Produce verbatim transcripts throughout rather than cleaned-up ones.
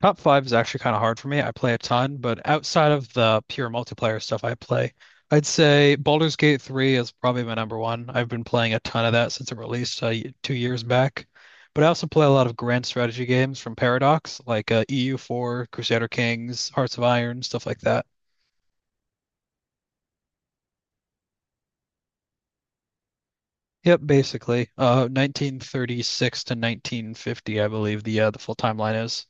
Top five is actually kind of hard for me. I play a ton, but outside of the pure multiplayer stuff I play, I'd say Baldur's Gate three is probably my number one. I've been playing a ton of that since it released uh, y- two years back. But I also play a lot of grand strategy games from Paradox, like uh, E U four, Crusader Kings, Hearts of Iron, stuff like that. Yep, basically. Uh, nineteen thirty-six to nineteen fifty, I believe the uh, the full timeline is.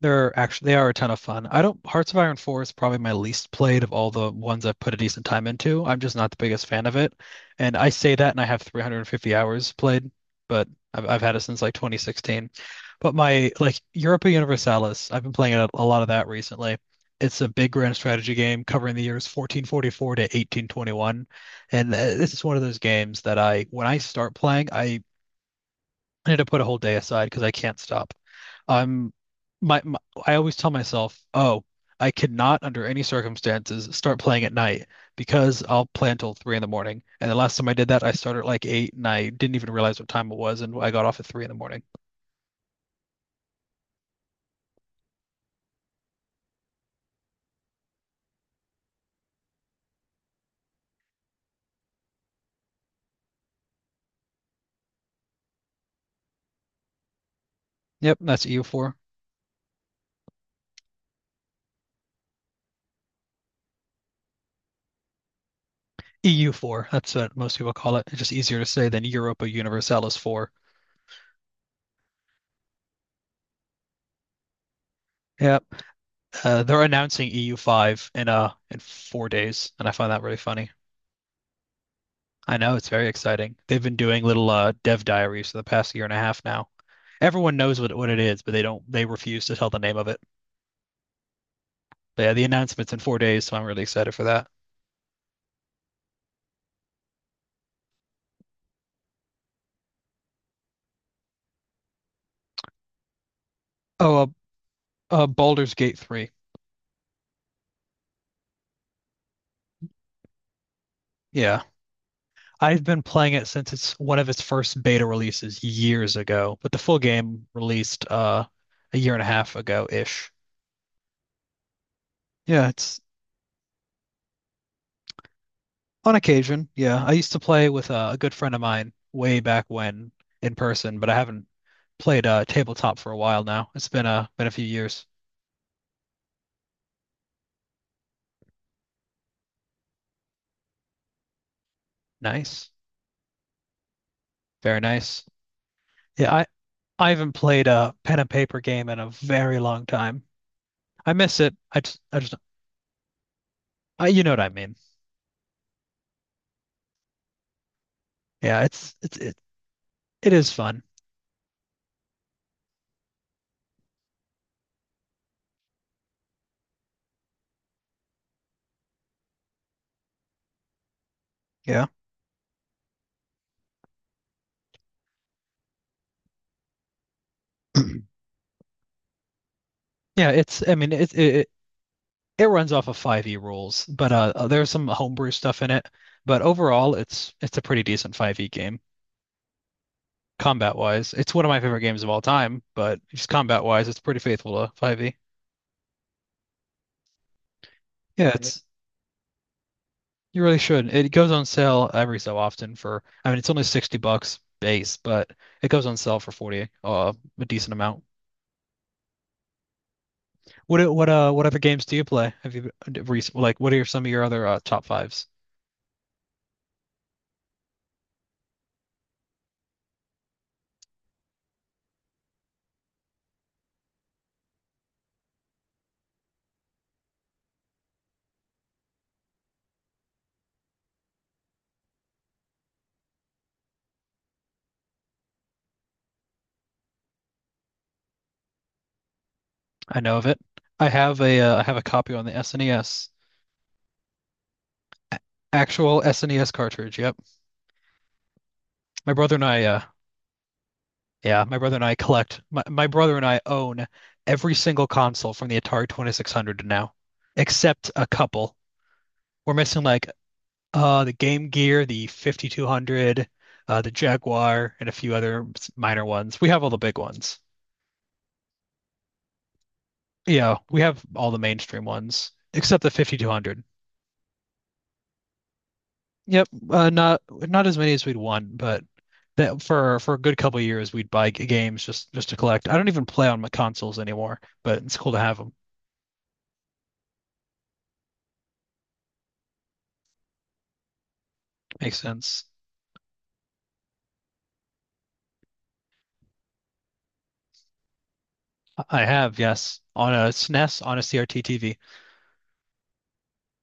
They're actually they are a ton of fun. I don't Hearts of Iron four is probably my least played of all the ones I've put a decent time into. I'm just not the biggest fan of it. And I say that and I have three hundred fifty hours played, but I've I've had it since like twenty sixteen. But my like Europa Universalis, I've been playing a, a lot of that recently. It's a big grand strategy game covering the years fourteen forty-four to eighteen twenty-one. And uh, this is one of those games that I when I start playing, I I need to put a whole day aside because I can't stop. I'm my, my I always tell myself, oh, I cannot under any circumstances start playing at night because I'll play until three in the morning. And the last time I did that, I started at like eight and I didn't even realize what time it was and I got off at three in the morning. Yep, that's E U four. E U four. That's what most people call it. It's just easier to say than Europa Universalis four. Yep. Uh, they're announcing E U five in uh in four days, and I find that really funny. I know it's very exciting. They've been doing little uh dev diaries for the past year and a half now. Everyone knows what what it is, but they don't they refuse to tell the name of it. But yeah, the announcement's in four days, so I'm really excited for that. Oh, uh, uh Baldur's Gate three. Yeah. I've been playing it since it's one of its first beta releases years ago, but the full game released uh a year and a half ago ish. Yeah, it's on occasion. Yeah, I used to play with uh, a good friend of mine way back when in person, but I haven't played uh tabletop for a while now. It's been uh been a few years. Nice. Very nice. Yeah, I I haven't played a pen and paper game in a very long time. I miss it. I just I just I, you know what I mean. Yeah, it's it's it, it is fun. Yeah. Yeah, it's I mean it it it runs off of five E rules, but uh uh, there's some homebrew stuff in it, but overall it's it's a pretty decent five E game combat wise. It's one of my favorite games of all time, but just combat wise it's pretty faithful to five E. Yeah. Yeah. it's you really should. It goes on sale every so often for I mean it's only sixty bucks base, but it goes on sale for forty uh a decent amount. What what uh what other games do you play? Have you recent like what are your, some of your other uh, top fives? I know of it. I have a uh, I have a copy on the SNES. Actual SNES cartridge. Yep. My brother and I uh yeah, my brother and I collect my, my brother and I own every single console from the Atari twenty-six hundred to now, except a couple. We're missing like uh the Game Gear, the fifty-two hundred, uh the Jaguar, and a few other s- minor ones. We have all the big ones. Yeah, we have all the mainstream ones except the fifty-two hundred. Yep, uh, not not as many as we'd want, but that for for a good couple of years we'd buy g- games just just to collect. I don't even play on my consoles anymore, but it's cool to have them. Makes sense. I have, yes, on a SNES on a C R T T V.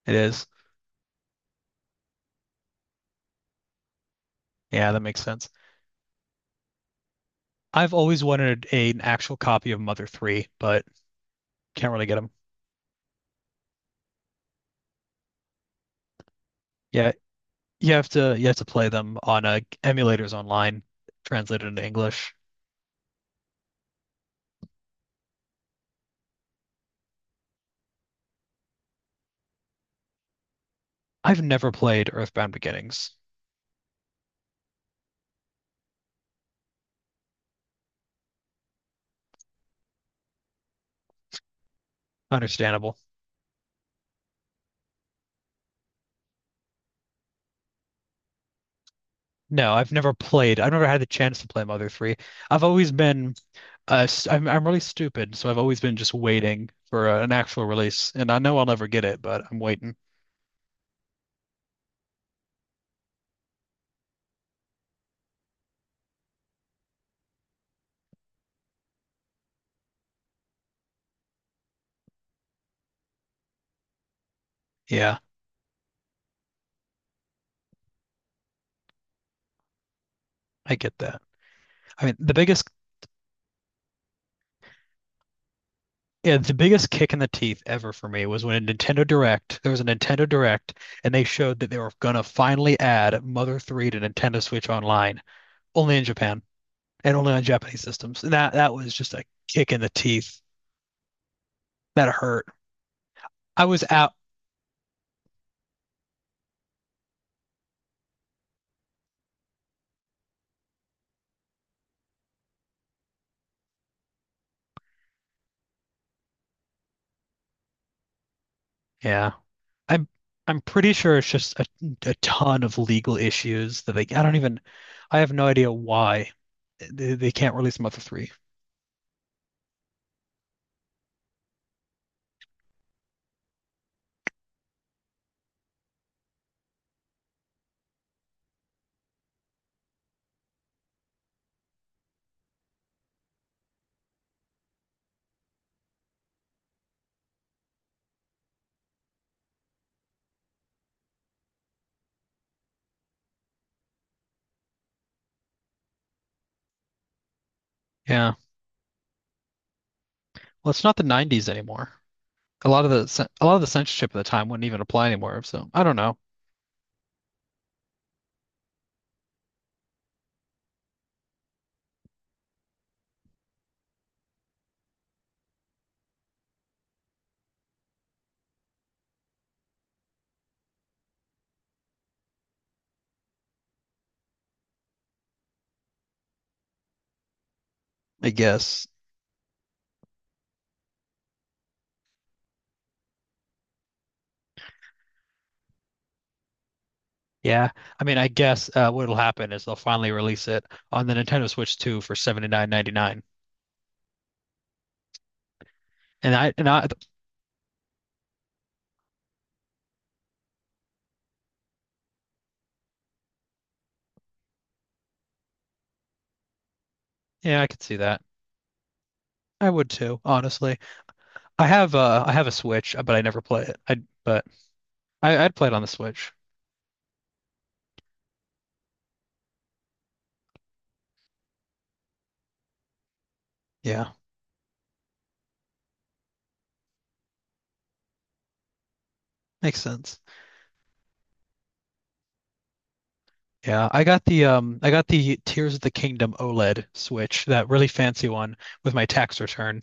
It is. Yeah, that makes sense. I've always wanted a, an actual copy of Mother three, but can't really get them. Yeah, you have to you have to play them on uh, emulators online, translated into English. I've never played Earthbound Beginnings. Understandable. No, I've never played. I've never had the chance to play Mother three. I've always been uh s- I'm I'm really stupid, so I've always been just waiting for uh, an actual release and I know I'll never get it, but I'm waiting. Yeah, I get that. I mean, the biggest yeah, the biggest kick in the teeth ever for me was when a Nintendo Direct, there was a Nintendo Direct and they showed that they were gonna finally add Mother three to Nintendo Switch Online, only in Japan and only on Japanese systems. And that that was just a kick in the teeth. That hurt. I was out. Yeah. I'm I'm pretty sure it's just a, a ton of legal issues that they I don't even I have no idea why they, they can't release Mother three. Yeah. Well, it's not the nineties anymore. A lot of the cen- a lot of the censorship at the time wouldn't even apply anymore, so I don't know. I guess. Yeah. I mean, I guess uh, what'll happen is they'll finally release it on the Nintendo Switch two for seventy-nine ninety-nine. And I and I yeah, I could see that. I would too, honestly. I have uh I have a Switch, but I never play it. I but I I'd play it on the Switch. Yeah, makes sense. Yeah, I got the um I got the Tears of the Kingdom O L E D Switch, that really fancy one with my tax return.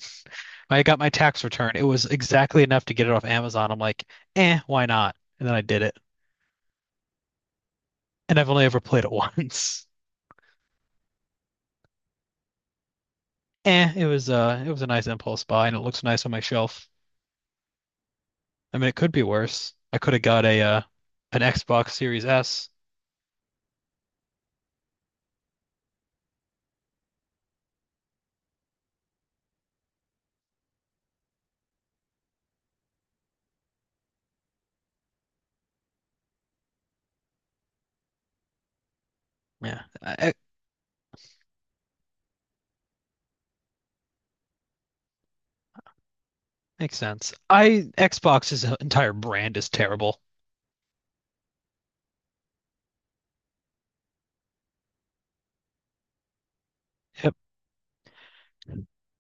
When I got my tax return. It was exactly enough to get it off Amazon. I'm like, "Eh, why not?" And then I did it. And I've only ever played it once. Eh, it was uh it was a nice impulse buy and it looks nice on my shelf. I mean, it could be worse. I could have got a uh an Xbox Series S. Yeah, I, I- makes sense. I Xbox's entire brand is terrible.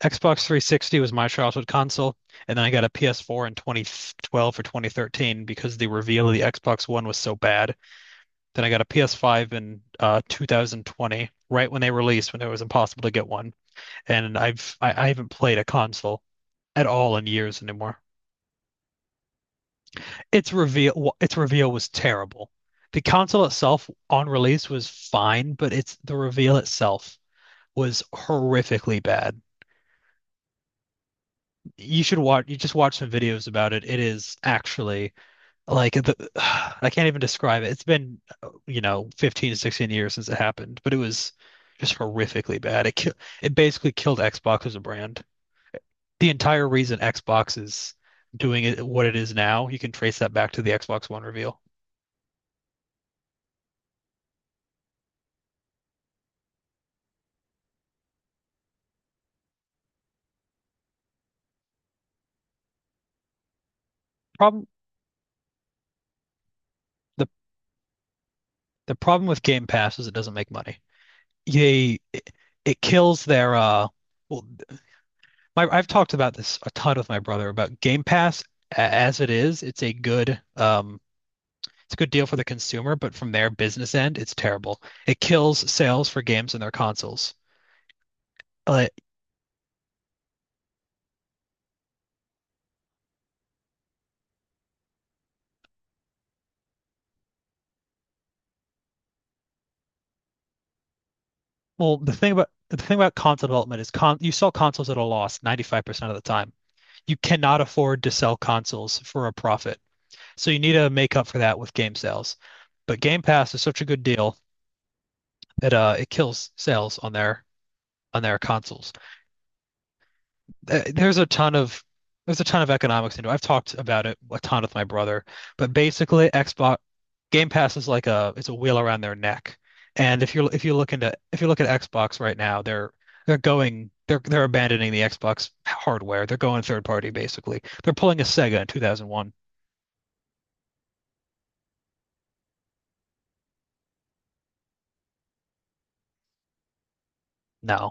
Xbox three sixty was my childhood console, and then I got a P S four in twenty twelve or twenty thirteen because the reveal of the Xbox One was so bad. Then I got a P S five in uh, two thousand twenty, right when they released, when it was impossible to get one. And I've I, I haven't played a console at all in years anymore. Its reveal its reveal was terrible. The console itself on release was fine, but it's the reveal itself was horrifically bad. You should watch you just watch some videos about it. It is actually. Like the, I can't even describe it. It's been, uh, you know, fifteen to sixteen years since it happened, but it was just horrifically bad. It ki it basically killed Xbox as a brand. The entire reason Xbox is doing it what it is now, you can trace that back to the Xbox One reveal. Problem the the problem with Game Pass is it doesn't make money. They it, it kills their uh well my, I've talked about this a ton with my brother about Game Pass a- as it is, it's a good um It's a good deal for the consumer, but from their business end, it's terrible. It kills sales for games and their consoles. Like, well, the thing about the thing about console development is con you sell consoles at a loss ninety-five percent of the time. You cannot afford to sell consoles for a profit. So you need to make up for that with game sales. But Game Pass is such a good deal that uh, it kills sales on their on their consoles. th- there's a ton of there's a ton of economics into it. I've talked about it a ton with my brother, but basically Xbox Game Pass is like a it's a wheel around their neck. And if you're if you look into if you look at Xbox right now, they're they're going they're they're abandoning the Xbox hardware. They're going third party basically. They're pulling a Sega in two thousand one. No,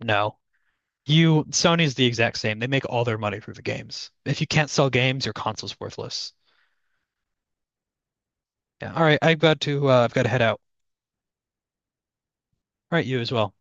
no. You Sony's the exact same. They make all their money through the games. If you can't sell games, your console's worthless. Yeah. All right, I've got to uh, I've got to head out. All right, you as well.